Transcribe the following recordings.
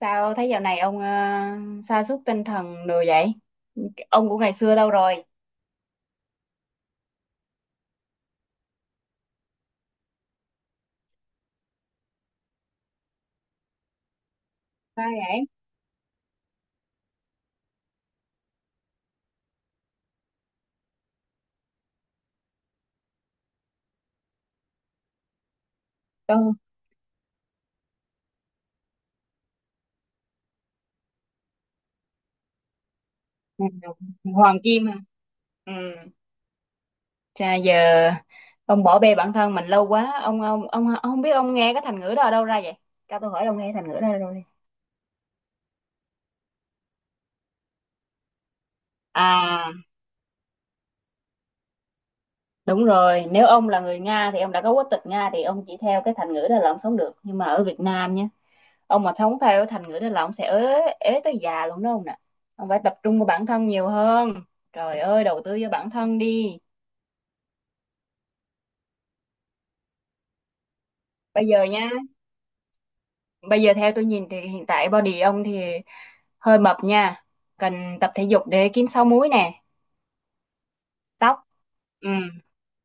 Sao thấy dạo này ông sa sút tinh thần đồ vậy? Ông của ngày xưa đâu rồi? Sao vậy? Tôi Hoàng Kim à? Ừ. Chà giờ ông bỏ bê bản thân mình lâu quá. Ông không biết ông nghe cái thành ngữ đó ở đâu ra vậy? Cho tôi hỏi ông nghe thành ngữ đó ở đâu đi. À, đúng rồi, nếu ông là người Nga thì ông đã có quốc tịch Nga thì ông chỉ theo cái thành ngữ đó là ông sống được. Nhưng mà ở Việt Nam nhé, ông mà không theo thành ngữ đó là ông sẽ ế ế tới già luôn đó ông nè. Ông phải tập trung vào bản thân nhiều hơn, trời ơi, đầu tư cho bản thân đi. Bây giờ nha, bây giờ theo tôi nhìn thì hiện tại body ông thì hơi mập nha, cần tập thể dục để kiếm sáu múi nè. Tóc, ừ,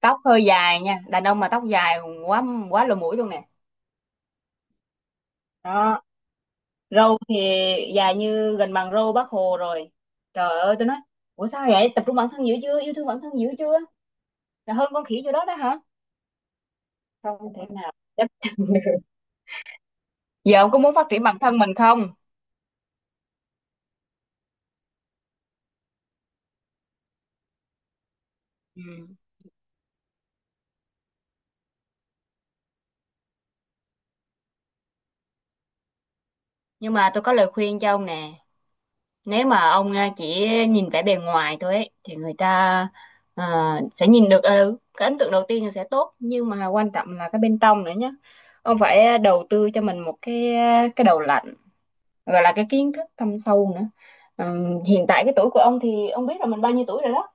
tóc hơi dài nha, đàn ông mà tóc dài quá quá lỗ mũi luôn nè đó. Râu thì dài như gần bằng râu bác Hồ rồi, trời ơi tôi nói, ủa sao vậy? Tập trung bản thân dữ chưa, yêu thương bản thân dữ chưa, là hơn con khỉ chỗ đó đó hả? Không thể nào chấp nhận được. Giờ ông có muốn phát triển bản thân mình không? Ừ. Nhưng mà tôi có lời khuyên cho ông nè. Nếu mà ông chỉ nhìn vẻ bề ngoài thôi ấy, thì người ta, à, sẽ nhìn được, cái ấn tượng đầu tiên là sẽ tốt, nhưng mà quan trọng là cái bên trong nữa nhé. Ông phải đầu tư cho mình một cái, cái đầu lạnh, gọi là cái kiến thức thâm sâu nữa. Ừ, hiện tại cái tuổi của ông thì ông biết là mình bao nhiêu tuổi rồi đó.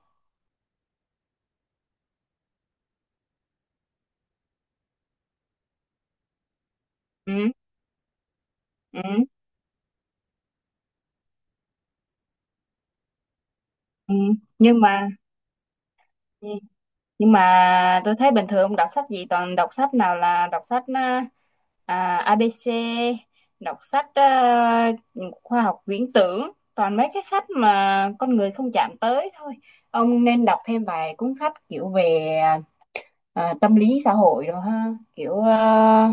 Ừ, ừ, ừ. Nhưng mà, ừ, nhưng mà tôi thấy bình thường ông đọc sách gì, toàn đọc sách nào là đọc sách, ABC, đọc sách, khoa học viễn tưởng, toàn mấy cái sách mà con người không chạm tới thôi. Ông nên đọc thêm vài cuốn sách kiểu về, tâm lý xã hội rồi ha, kiểu,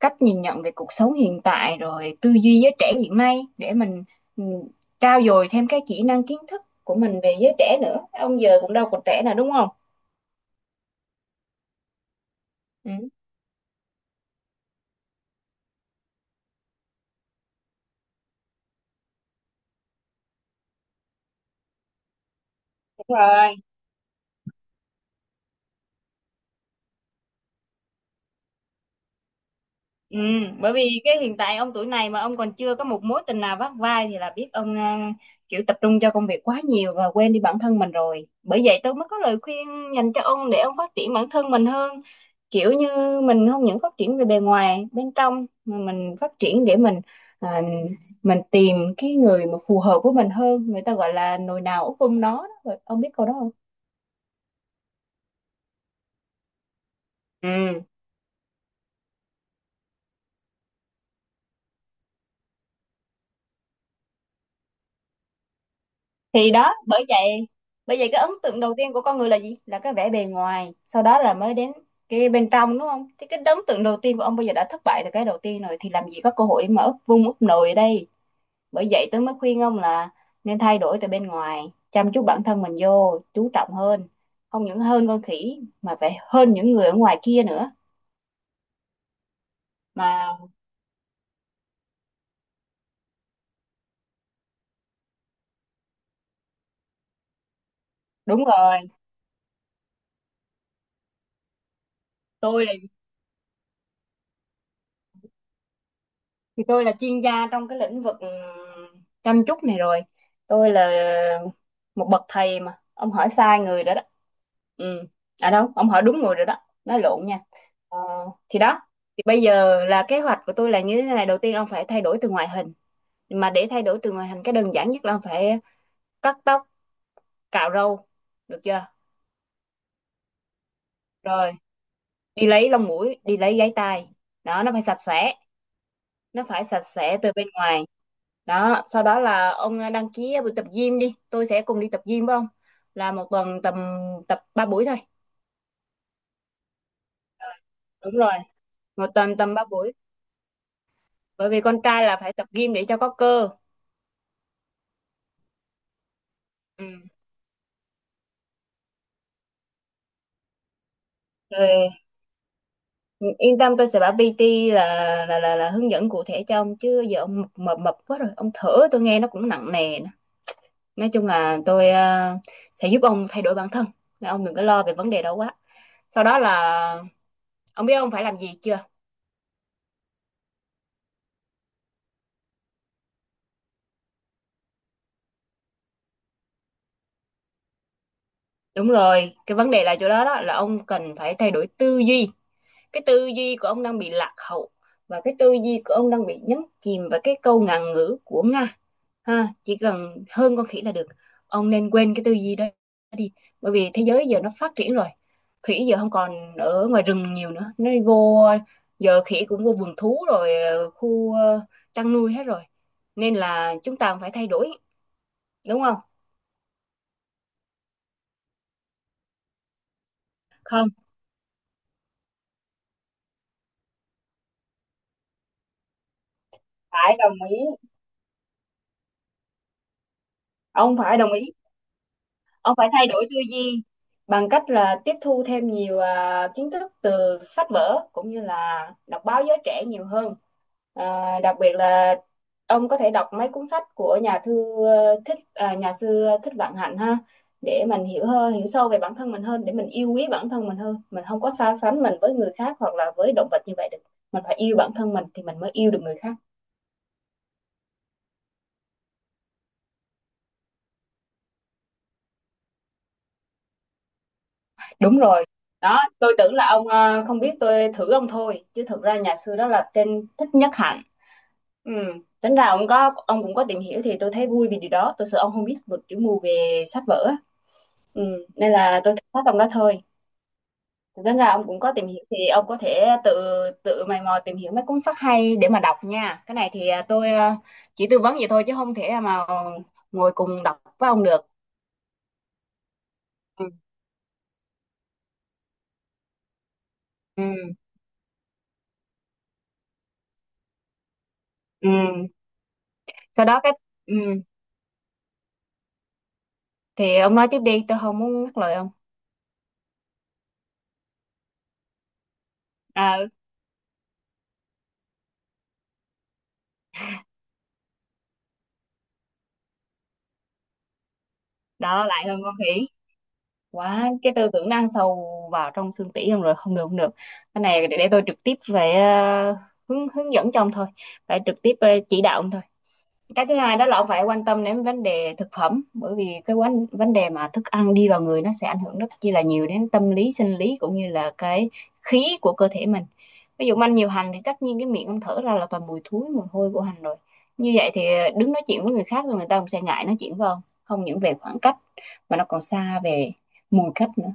cách nhìn nhận về cuộc sống hiện tại rồi tư duy giới trẻ hiện nay để mình, ừ, trau dồi thêm cái kỹ năng kiến thức của mình về giới trẻ nữa. Ông giờ cũng đâu còn trẻ nào đúng không? Ừ. Đúng rồi. Ừ, bởi vì cái hiện tại ông tuổi này mà ông còn chưa có một mối tình nào vắt vai thì là biết ông, kiểu tập trung cho công việc quá nhiều và quên đi bản thân mình rồi. Bởi vậy tôi mới có lời khuyên dành cho ông để ông phát triển bản thân mình hơn. Kiểu như mình không những phát triển về bề ngoài, bên trong mà mình phát triển để mình, à, mình tìm cái người mà phù hợp với mình hơn. Người ta gọi là nồi nào úp vung nó đó. Ông biết câu đó không? Ừ. Thì đó, bởi vậy cái ấn tượng đầu tiên của con người là gì, là cái vẻ bề ngoài, sau đó là mới đến cái bên trong đúng không? Thì cái ấn tượng đầu tiên của ông bây giờ đã thất bại từ cái đầu tiên rồi thì làm gì có cơ hội để mà úp vung úp nồi ở đây. Bởi vậy tôi mới khuyên ông là nên thay đổi từ bên ngoài, chăm chút bản thân mình vô, chú trọng hơn, không những hơn con khỉ mà phải hơn những người ở ngoài kia nữa mà. Đúng rồi, tôi là tôi là chuyên gia trong cái lĩnh vực chăm chút này rồi, tôi là một bậc thầy mà ông hỏi sai người rồi đó. Ừ. À đâu, ông hỏi đúng người rồi đó, nói lộn nha. Ờ, thì đó, thì bây giờ là kế hoạch của tôi là như thế này. Đầu tiên ông phải thay đổi từ ngoại hình, mà để thay đổi từ ngoại hình cái đơn giản nhất là ông phải cắt tóc, cạo râu, được chưa? Rồi đi lấy lông mũi, đi lấy gáy tai, đó, nó phải sạch sẽ, nó phải sạch sẽ từ bên ngoài đó. Sau đó là ông, đăng ký buổi tập gym đi, tôi sẽ cùng đi tập gym với ông, là một tuần tầm tập 3 buổi thôi. Đúng rồi, một tuần tầm 3 buổi, bởi vì con trai là phải tập gym để cho có cơ. Ừ. Rồi, yên tâm, tôi sẽ bảo PT là là hướng dẫn cụ thể cho ông, chứ giờ ông mập mập mập quá rồi, ông thở tôi nghe nó cũng nặng nề nữa. Nói chung là tôi sẽ giúp ông thay đổi bản thân. Nên ông đừng có lo về vấn đề đó quá. Sau đó là ông biết ông phải làm gì chưa? Đúng rồi, cái vấn đề là chỗ đó đó, là ông cần phải thay đổi tư duy. Cái tư duy của ông đang bị lạc hậu và cái tư duy của ông đang bị nhấn chìm vào cái câu ngạn ngữ của Nga. Ha, chỉ cần hơn con khỉ là được. Ông nên quên cái tư duy đó đi. Bởi vì thế giới giờ nó phát triển rồi. Khỉ giờ không còn ở ngoài rừng nhiều nữa. Nó vô, giờ khỉ cũng vô vườn thú rồi, khu chăn nuôi hết rồi. Nên là chúng ta cũng phải thay đổi, đúng không? Không, phải đồng ý. Ông phải đồng ý, ông phải thay đổi tư duy bằng cách là tiếp thu thêm nhiều, kiến thức từ sách vở cũng như là đọc báo giới trẻ nhiều hơn, đặc biệt là ông có thể đọc mấy cuốn sách của nhà thư, nhà sư thích Vạn Hạnh ha, để mình hiểu hơn, hiểu sâu về bản thân mình hơn, để mình yêu quý bản thân mình hơn, mình không có so sánh mình với người khác hoặc là với động vật như vậy được. Mình phải yêu bản thân mình thì mình mới yêu được người khác. Đúng rồi. Đó, tôi tưởng là ông, không biết, tôi thử ông thôi chứ thực ra nhà sư đó là tên Thích Nhất Hạnh. Ừ, tính ra ông có, ông cũng có tìm hiểu thì tôi thấy vui vì điều đó, tôi sợ ông không biết một chữ mù về sách vở á. Ừ, nên là tôi thích sách ông đó thôi. Thì tính ra ông cũng có tìm hiểu thì ông có thể tự tự mày mò tìm hiểu mấy cuốn sách hay để mà đọc nha. Cái này thì, tôi, chỉ tư vấn vậy thôi chứ không thể mà ngồi cùng đọc với ông được. Ừ, ừ, ừ. Sau đó cái, ừ. Thì ông nói tiếp đi, tôi không muốn ngắt lời ông. à, ừ, đó lại hơn con khỉ quá, cái tư tưởng nó ăn sâu vào trong xương tủy ông rồi, không được không được. Cái này để tôi trực tiếp về, hướng hướng dẫn cho ông thôi, phải trực tiếp chỉ đạo ông thôi. Cái thứ hai đó là ông phải quan tâm đến vấn đề thực phẩm, bởi vì cái vấn vấn đề mà thức ăn đi vào người nó sẽ ảnh hưởng rất chi là nhiều đến tâm lý, sinh lý cũng như là cái khí của cơ thể mình. Ví dụ ông ăn nhiều hành thì tất nhiên cái miệng ông thở ra là toàn mùi thúi, mùi hôi của hành rồi. Như vậy thì đứng nói chuyện với người khác rồi người ta cũng sẽ ngại nói chuyện với ông, không những về khoảng cách mà nó còn xa về mùi cách nữa.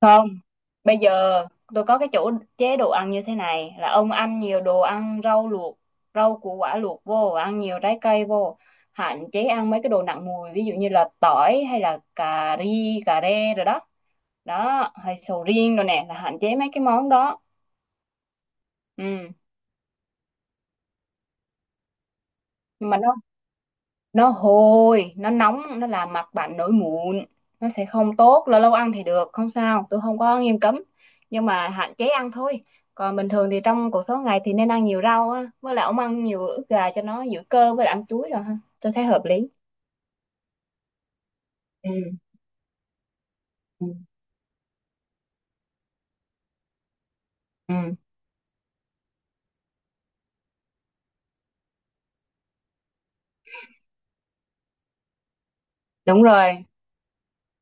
Không. Bây giờ tôi có cái chỗ chế độ ăn như thế này, là ông ăn nhiều đồ ăn rau luộc, rau củ quả luộc vô, ăn nhiều trái cây vô. Hạn chế ăn mấy cái đồ nặng mùi ví dụ như là tỏi hay là cà ri, cà rê rồi đó. Đó, hay sầu riêng rồi nè, là hạn chế mấy cái món đó. Ừ. Nhưng mà nó hôi, nó nóng, nó làm mặt bạn nổi mụn, nó sẽ không tốt. Lâu lâu ăn thì được không sao, tôi không có nghiêm cấm nhưng mà hạn chế ăn thôi. Còn bình thường thì trong cuộc sống ngày thì nên ăn nhiều rau á, với lại ông ăn nhiều ức gà cho nó giữ cơ, với lại ăn chuối rồi ha, tôi thấy hợp lý. Ừ. Ừ. Ừ, đúng rồi,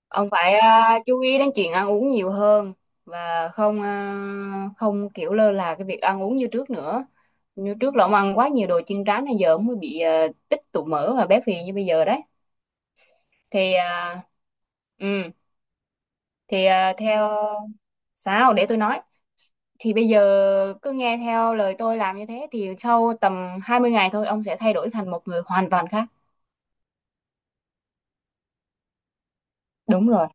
ông phải, chú ý đến chuyện ăn uống nhiều hơn và không, không kiểu lơ là cái việc ăn uống như trước nữa. Như trước là ông ăn quá nhiều đồ chiên rán nên giờ ông mới bị, tích tụ mỡ và béo phì như bây giờ đấy. Thì ừ, thì theo, sao để tôi nói. Thì bây giờ cứ nghe theo lời tôi làm như thế thì sau tầm 20 ngày thôi ông sẽ thay đổi thành một người hoàn toàn khác. Đúng rồi.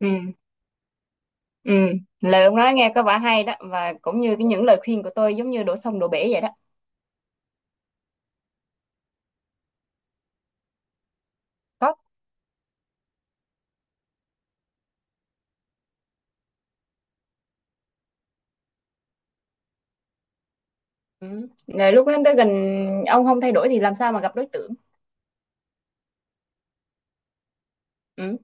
Ừ. Ừ, lời ông nói nghe có vẻ hay đó, và cũng như cái những lời khuyên của tôi giống như đổ sông đổ bể vậy đó. Có. Ừ. Là lúc đó tới gần, ông không thay đổi thì làm sao mà gặp đối tượng? Ừ.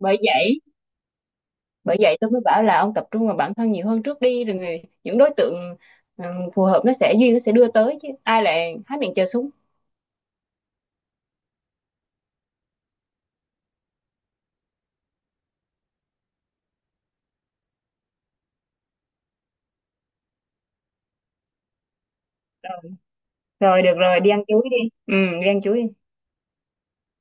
bởi vậy bởi vậy tôi mới bảo là ông tập trung vào bản thân nhiều hơn trước đi, rồi người những đối tượng, ừ, phù hợp nó sẽ duyên, nó sẽ đưa tới chứ ai lại há miệng chờ súng. Rồi, rồi được rồi, đi ăn chuối đi. Ừ, đi ăn chuối đi.